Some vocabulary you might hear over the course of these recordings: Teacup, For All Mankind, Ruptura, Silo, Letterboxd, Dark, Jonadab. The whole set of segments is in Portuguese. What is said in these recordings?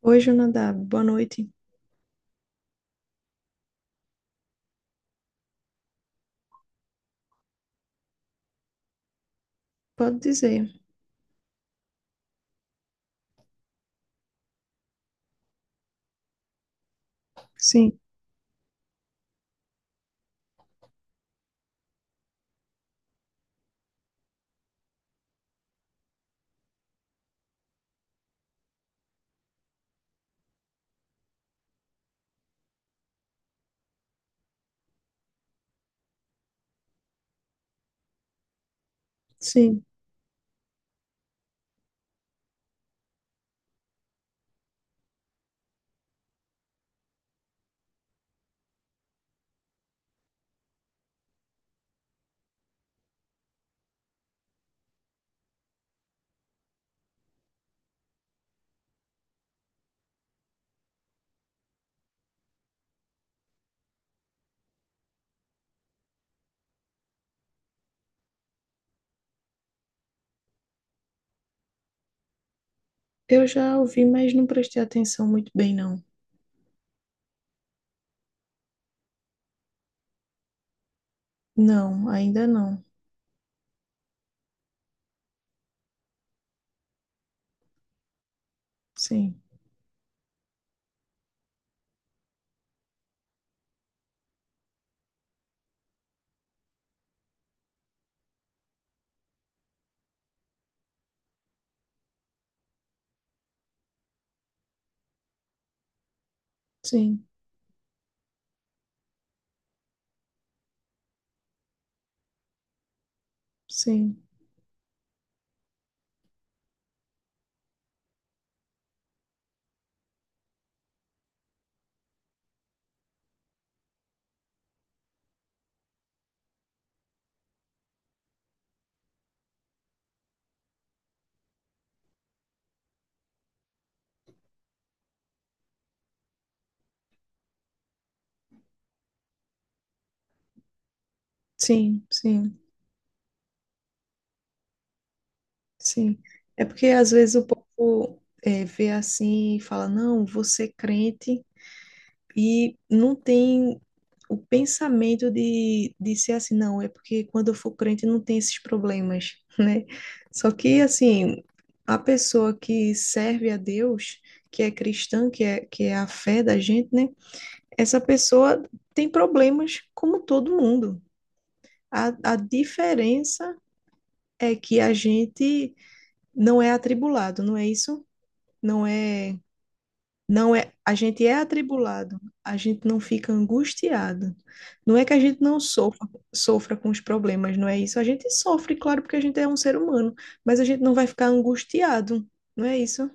Oi, Jonadab, boa noite. Pode dizer. Sim, sim. Eu já ouvi, mas não prestei atenção muito bem, não. Não, ainda não. Sim, sim, sim, sim, sim, sim. É porque às vezes o povo vê assim e fala, não, você é crente. E não tem o pensamento de ser assim, não, é porque quando eu for crente não tem esses problemas, né? Só que, assim, a pessoa que serve a Deus, que é cristã, que é a fé da gente, né? Essa pessoa tem problemas como todo mundo. A diferença é que a gente não é atribulado, não é isso? Não é Não é, a gente é atribulado, a gente não fica angustiado. Não é que a gente não sofra, sofra com os problemas, não é isso? A gente sofre, claro, porque a gente é um ser humano, mas a gente não vai ficar angustiado, não é isso?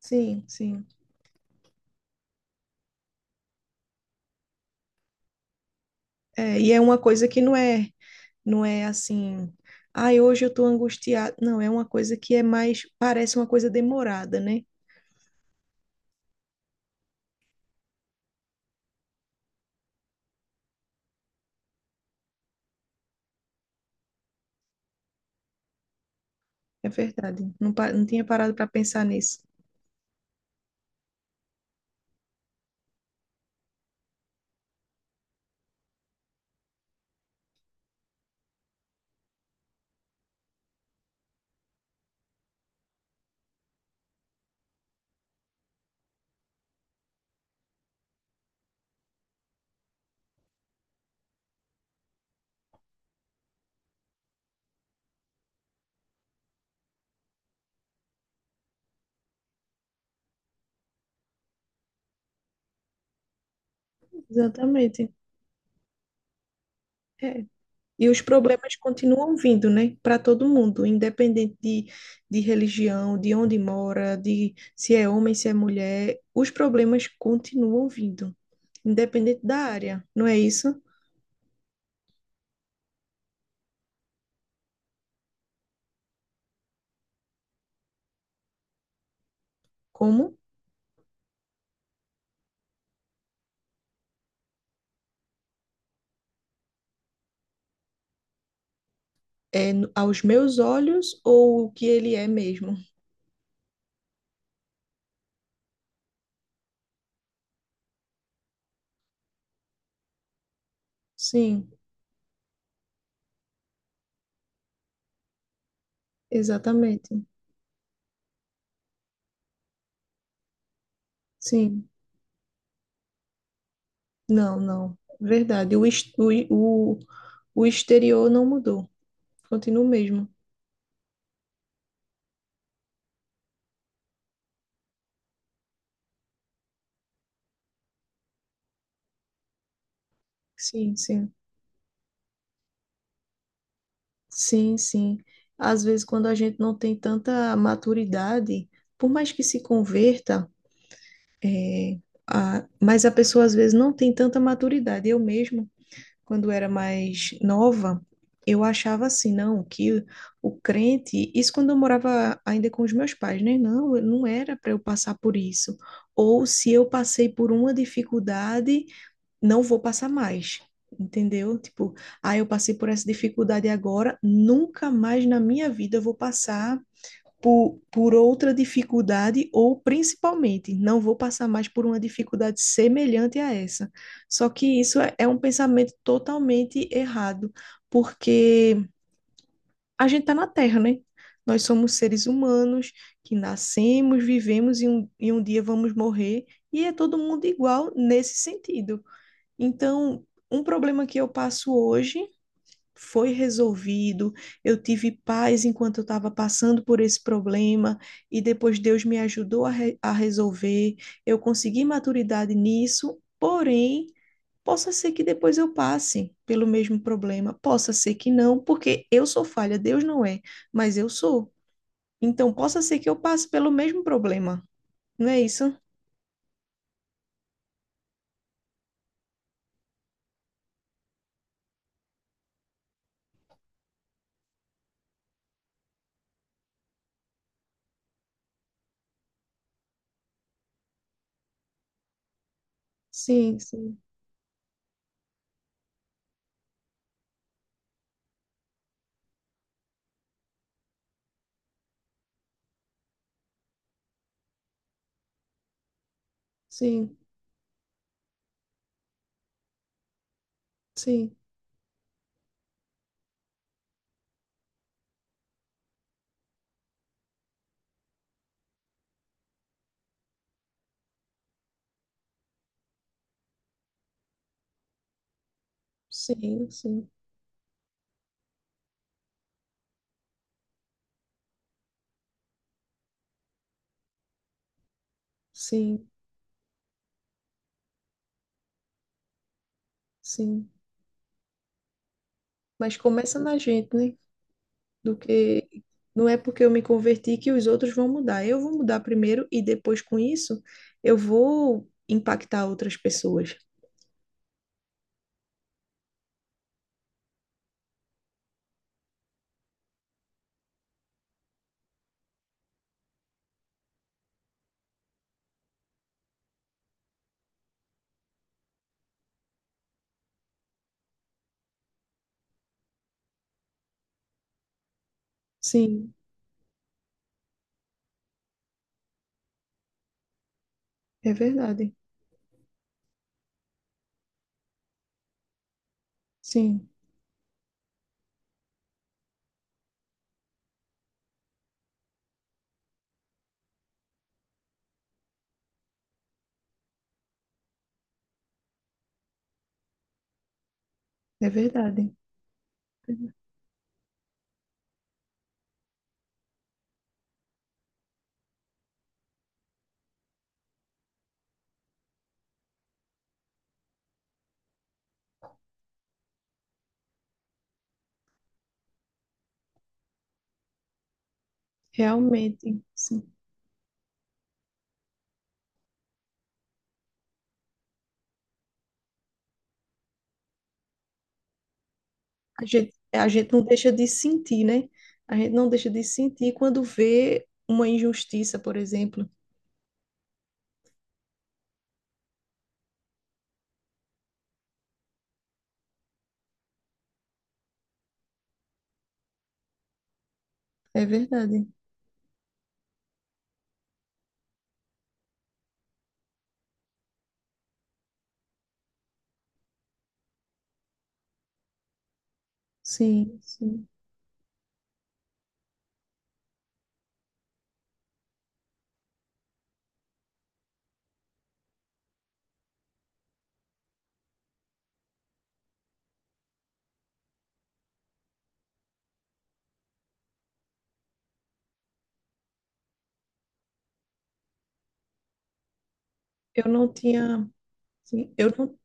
Sim, sim. É, e é uma coisa que não é assim, ai, hoje eu estou angustiado. Não, é uma coisa que é mais, parece uma coisa demorada, né? É verdade. Não, não tinha parado para pensar nisso. Exatamente. É. E os problemas continuam vindo, né, para todo mundo, independente de religião, de onde mora, de se é homem, se é mulher, os problemas continuam vindo, independente da área, não é isso? Como é aos meus olhos ou o que ele é mesmo? Sim, exatamente. Sim, não, não, verdade. O exterior não mudou, continua o mesmo. Sim, sim. Sim, sim. Às vezes, quando a gente não tem tanta maturidade, por mais que se converta, é, mas a pessoa às vezes não tem tanta maturidade. Eu mesma, quando era mais nova, eu achava assim, não, que o crente, isso quando eu morava ainda com os meus pais, né? Não, não era para eu passar por isso. Ou se eu passei por uma dificuldade, não vou passar mais, entendeu? Tipo, ah, eu passei por essa dificuldade agora, nunca mais na minha vida eu vou passar por outra dificuldade, ou principalmente, não vou passar mais por uma dificuldade semelhante a essa. Só que isso é um pensamento totalmente errado, porque a gente está na Terra, né? Nós somos seres humanos que nascemos, vivemos e um dia vamos morrer, e é todo mundo igual nesse sentido. Então, um problema que eu passo hoje foi resolvido. Eu tive paz enquanto eu estava passando por esse problema e depois Deus me ajudou a resolver. Eu consegui maturidade nisso, porém, possa ser que depois eu passe pelo mesmo problema, possa ser que não, porque eu sou falha, Deus não é, mas eu sou. Então, possa ser que eu passe pelo mesmo problema, não é isso? Sim, sim, sim, sim, sim, sim, sim. Sim, mas começa na gente, né? Do que não é porque eu me converti que os outros vão mudar. Eu vou mudar primeiro e depois com isso eu vou impactar outras pessoas. Sim, é verdade. Sim, é verdade. Realmente, sim. A gente não deixa de sentir, né? A gente não deixa de sentir quando vê uma injustiça, por exemplo. É verdade. Sim, sim. Eu não tinha, sim,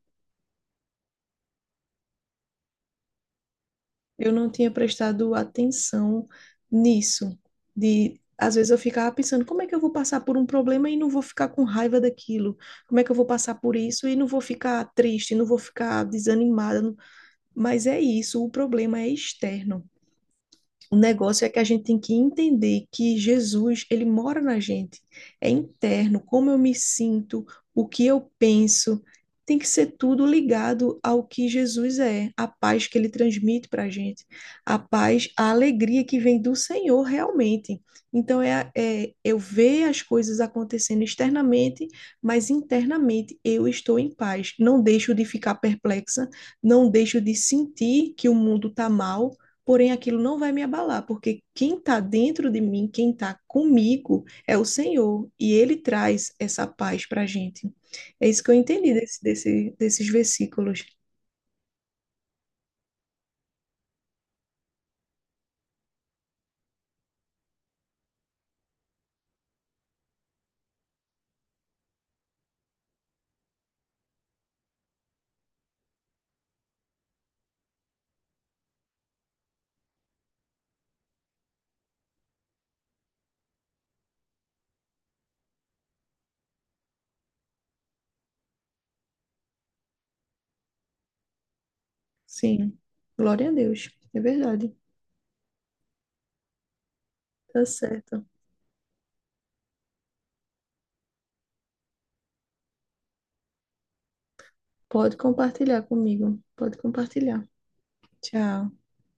Eu não tinha prestado atenção nisso, de às vezes eu ficava pensando, como é que eu vou passar por um problema e não vou ficar com raiva daquilo? Como é que eu vou passar por isso e não vou ficar triste, não vou ficar desanimada? Mas é isso, o problema é externo. O negócio é que a gente tem que entender que Jesus, ele mora na gente. É interno, como eu me sinto, o que eu penso, tem que ser tudo ligado ao que Jesus é, a paz que ele transmite para a gente, a paz, a alegria que vem do Senhor realmente. Então, é eu ver as coisas acontecendo externamente, mas internamente eu estou em paz. Não deixo de ficar perplexa, não deixo de sentir que o mundo está mal, porém aquilo não vai me abalar, porque quem está dentro de mim, quem está comigo, é o Senhor, e Ele traz essa paz para a gente. É isso que eu entendi desses versículos. Sim, glória a Deus, é verdade, tá certo. Pode compartilhar comigo, pode compartilhar. Tchau.